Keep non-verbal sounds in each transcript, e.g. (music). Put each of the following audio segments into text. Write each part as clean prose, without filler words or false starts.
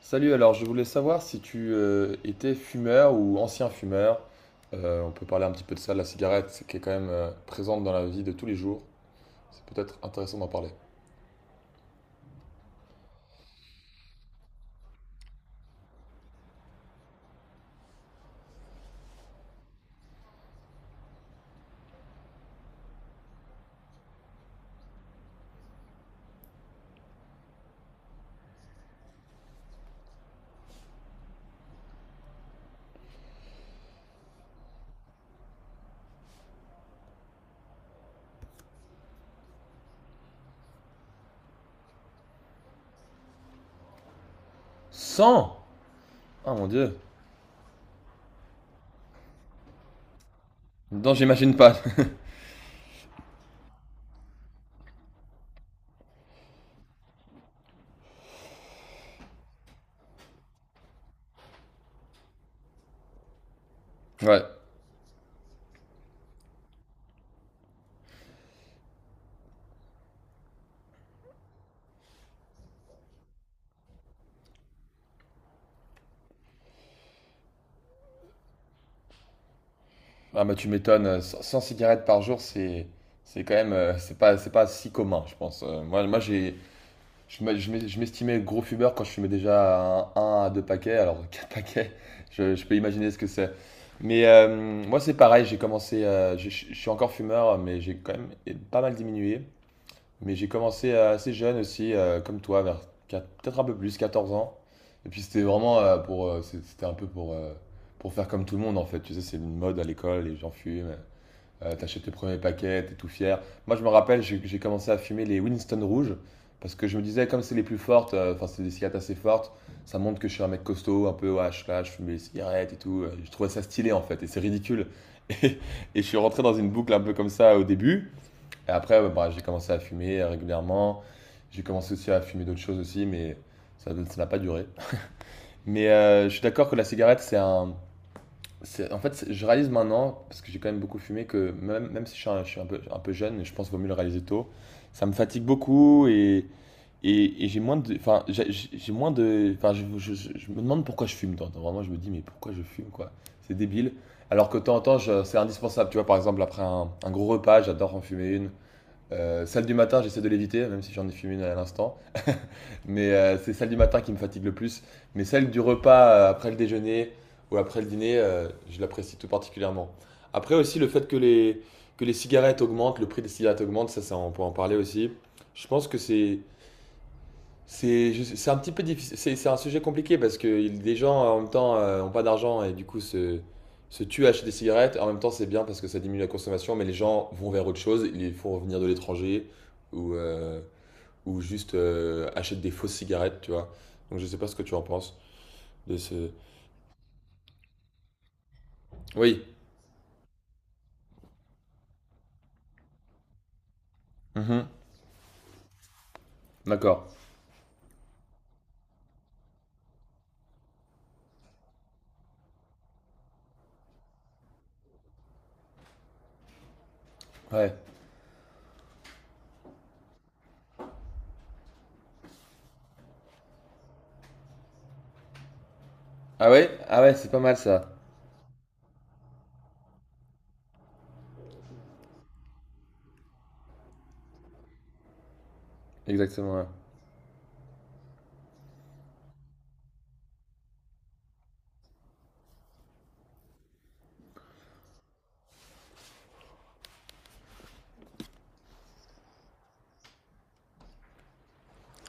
Salut, alors je voulais savoir si tu étais fumeur ou ancien fumeur. On peut parler un petit peu de ça, de la cigarette, qui est quand même présente dans la vie de tous les jours. C'est peut-être intéressant d'en parler. 100. Ah mon Dieu! Non, j'imagine pas. (laughs) Ouais. Ah bah tu m'étonnes, 100 100 cigarettes par jour, c'est quand même c'est pas si commun, je pense. Moi j'ai. Je m'estimais gros fumeur quand je fumais déjà un à deux paquets, alors (laughs) quatre paquets, je peux imaginer ce que c'est. Mais moi c'est pareil, j'ai commencé, je suis encore fumeur, mais j'ai quand même pas mal diminué. Mais j'ai commencé assez jeune aussi, comme toi, vers peut-être un peu plus, 14 ans. Et puis c'était vraiment c'était un peu pour faire comme tout le monde en fait. Tu sais, c'est une mode à l'école, les gens fument. T'achètes tes premiers paquets, t'es tout fier. Moi, je me rappelle, j'ai commencé à fumer les Winston rouges parce que je me disais, comme c'est les plus fortes, enfin, c'est des cigarettes assez fortes, ça montre que je suis un mec costaud, un peu, ouais, je suis là, je fume des cigarettes et tout. Je trouvais ça stylé en fait et c'est ridicule. (laughs) Et, et je suis rentré dans une boucle un peu comme ça au début. Et après, ouais, bah, j'ai commencé à fumer régulièrement. J'ai commencé aussi à fumer d'autres choses aussi, mais ça n'a pas duré. Mais je suis d'accord que la cigarette, en fait, je réalise maintenant, parce que j'ai quand même beaucoup fumé, que même si je suis un peu jeune, je pense qu'il vaut mieux le réaliser tôt, ça me fatigue beaucoup, et j'ai moins de... Enfin, j'ai moins de... Enfin, je me demande pourquoi je fume. Tant- tant. Vraiment, je me dis, mais pourquoi je fume, quoi? C'est débile. Alors que de temps en temps, c'est indispensable. Tu vois, par exemple, après un gros repas, j'adore en fumer une. Celle du matin, j'essaie de l'éviter, même si j'en ai fumé une à l'instant. Mais c'est celle du matin qui me fatigue le plus. Mais celle du repas après le déjeuner ou après le dîner, je l'apprécie tout particulièrement. Après aussi, le fait que les cigarettes augmentent, le prix des cigarettes augmente, on peut en parler aussi. Je pense que c'est un petit peu difficile. C'est un sujet compliqué parce que des gens en même temps ont pas d'argent et du coup se tuent à acheter des cigarettes. En même temps, c'est bien parce que ça diminue la consommation, mais les gens vont vers autre chose. Ils font revenir de l'étranger ou, euh, ou juste achète des fausses cigarettes, tu vois. Donc je sais pas ce que tu en penses de ce. Oui. Mhm. D'accord. Ouais. Ah ouais? Ah ouais, c'est pas mal ça. Exactement.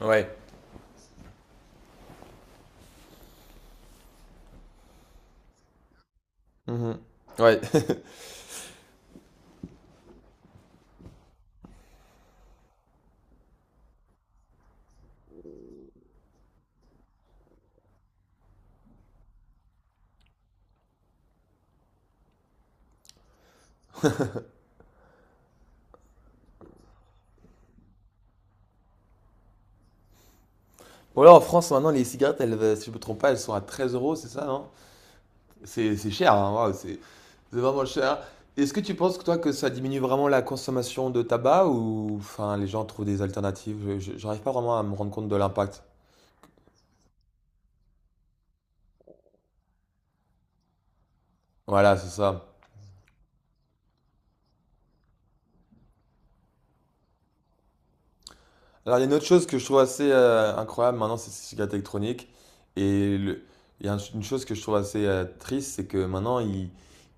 Ouais. Ouais. Mhm. Ouais. (laughs) Bon, là en France maintenant les cigarettes, elles, si je me trompe pas, elles sont à 13 euros, c'est ça, non? C'est cher, hein, waouh, c'est vraiment cher. Est-ce que tu penses que toi que ça diminue vraiment la consommation de tabac ou enfin les gens trouvent des alternatives? J'arrive pas vraiment à me rendre compte de l'impact. Voilà, c'est ça. Alors, il y a une autre chose que je trouve assez incroyable maintenant, c'est ces cigarettes électroniques. Et le- il y a un- une chose que je trouve assez triste, c'est que maintenant,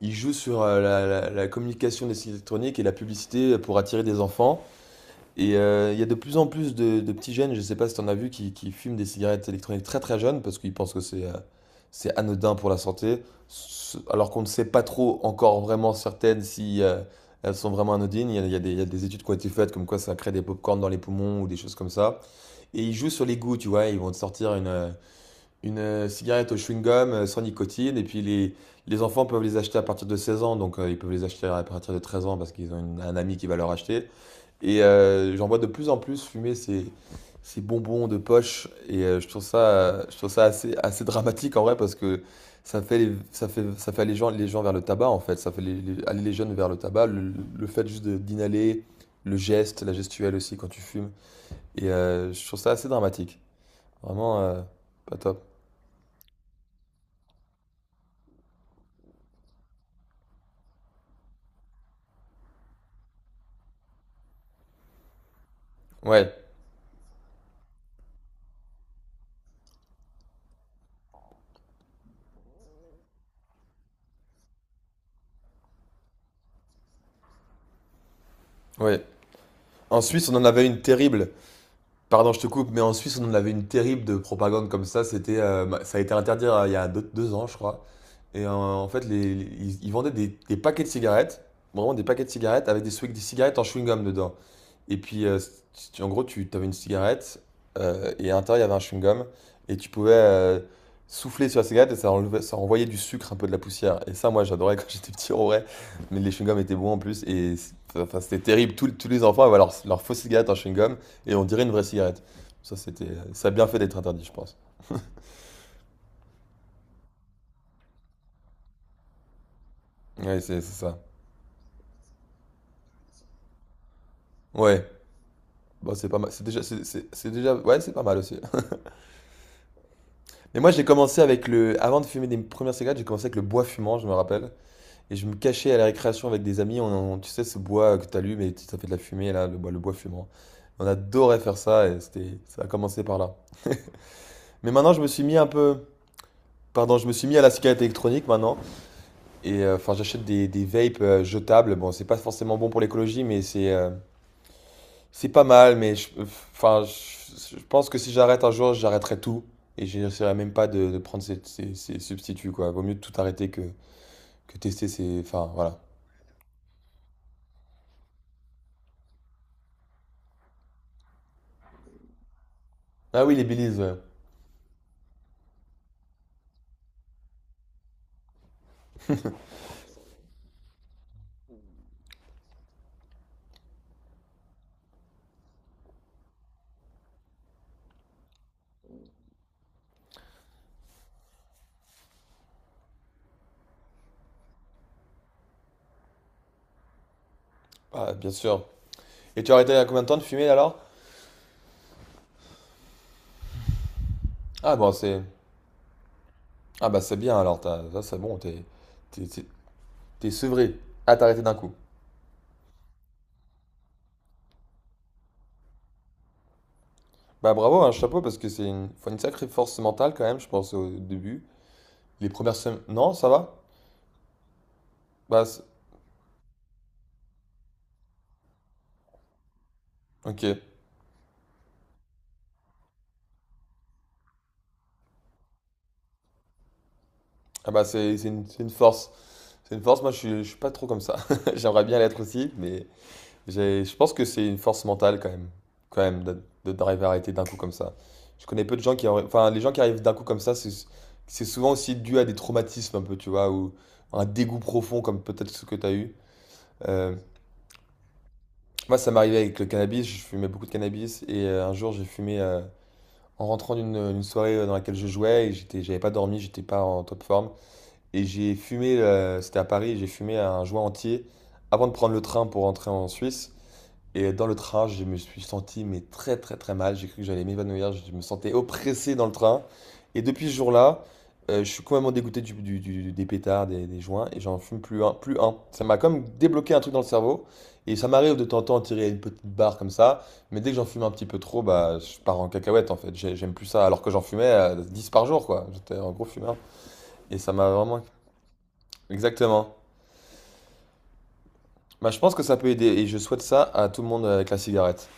ils jouent sur la communication des cigarettes électroniques et la publicité pour attirer des enfants. Et il y a de plus en plus de petits jeunes, je ne sais pas si tu en as vu, qui fument des cigarettes électroniques très très jeunes parce qu'ils pensent que c'est anodin pour la santé, alors qu'on ne sait pas trop encore vraiment certaines si elles sont vraiment anodines. Il y a des études qui ont été faites comme quoi ça crée des pop-corns dans les poumons ou des choses comme ça. Et ils jouent sur les goûts, tu vois, ils vont te sortir une cigarette au chewing-gum sans nicotine et puis les enfants peuvent les acheter à partir de 16 ans, donc ils peuvent les acheter à partir de 13 ans parce qu'ils ont un ami qui va leur acheter. Et j'en vois de plus en plus fumer ces bonbons de poche. Et je trouve ça assez, assez dramatique en vrai parce que ça fait aller les gens vers le tabac en fait. Ça fait aller les jeunes vers le tabac. Le fait juste d'inhaler, le geste, la gestuelle aussi quand tu fumes. Et je trouve ça assez dramatique. Vraiment pas top. Ouais, ouais. En Suisse, on en avait une terrible. Pardon, je te coupe, mais en Suisse, on avait une terrible de propagande comme ça. C'était, ça a été interdit il y a 2 ans, je crois. Et en fait, ils vendaient des paquets de cigarettes, vraiment des paquets de cigarettes avec des cigarettes en chewing-gum dedans. Et puis, si en gros, tu avais une cigarette et à l'intérieur, il y avait un chewing-gum. Et tu pouvais souffler sur la cigarette et ça, enlevait, ça envoyait du sucre, un peu de la poussière. Et ça, moi, j'adorais (laughs) quand j'étais petit, en vrai. Mais les chewing-gums étaient bons en plus. Et enfin, c'était terrible. Tous les enfants avaient leur fausse cigarette en chewing-gum et on dirait une vraie cigarette. Ça, c'était, ça a bien fait d'être interdit, je pense. Ouais, c'est ça. Ouais. Bon, c'est pas mal. C'est déjà, ouais, c'est pas mal aussi. (laughs) Mais moi, j'ai commencé avec le. Avant de fumer des premières cigarettes, j'ai commencé avec le bois fumant, je me rappelle. Et je me cachais à la récréation avec des amis, tu sais, ce bois que t'allumes et ça fait de la fumée, là, le bois fumant. On adorait faire ça et c'était, ça a commencé par là. Mais maintenant, je me suis mis un peu, pardon, je me suis mis à la cigarette électronique maintenant. Et enfin, j'achète des vapes jetables. Bon, c'est pas forcément bon pour l'écologie, mais c'est pas mal. Mais enfin, je pense que si j'arrête un jour, j'arrêterai tout. Et j'essaierai même pas de prendre ces substituts, quoi. Vaut mieux tout arrêter que, tester ces. Enfin, voilà. Ah oui, les Baileys, ouais. Ah, bien sûr. Et tu as arrêté il y a combien de temps de fumer alors? Ah bon c'est. Ah bah c'est bien alors, ça c'est bon, t'es- t'es- t'es sevré. Ah t'as arrêté d'un coup. Bah bravo, un chapeau parce que faut une sacrée force mentale quand même, je pense au début. Les premières semaines. Non, ça va? Bah c'est-. Ok. Ah bah c'est une force. C'est une force, moi je suis pas trop comme ça. (laughs) J'aimerais bien l'être aussi, mais je pense que c'est une force mentale quand même, de, d'arriver à arrêter d'un coup comme ça. Je connais peu de gens qui, enfin, les gens qui arrivent d'un coup comme ça, c'est souvent aussi dû à des traumatismes un peu, tu vois, ou un dégoût profond comme peut-être ce que tu as eu. Euh, moi, ça m'est arrivé avec le cannabis, je fumais beaucoup de cannabis et un jour, j'ai fumé en rentrant d'une soirée dans laquelle je jouais et j'avais pas dormi, j'étais pas en top forme et j'ai fumé, c'était à Paris, j'ai fumé un joint entier avant de prendre le train pour rentrer en Suisse. Et dans le train, je me suis senti mais très très très mal. J'ai cru que j'allais m'évanouir. Je me sentais oppressé dans le train. Et depuis ce jour-là, je suis complètement dégoûté des pétards, des joints, et j'en fume plus un, plus un. Ça m'a comme débloqué un truc dans le cerveau. Et ça m'arrive de temps en temps de tirer une petite barre comme ça. Mais dès que j'en fume un petit peu trop, bah, je pars en cacahuète en fait. J'aime plus ça. Alors que j'en fumais 10 par jour, quoi. J'étais un gros fumeur. Et ça m'a vraiment. Exactement. Bah, je pense que ça peut aider. Et je souhaite ça à tout le monde avec la cigarette.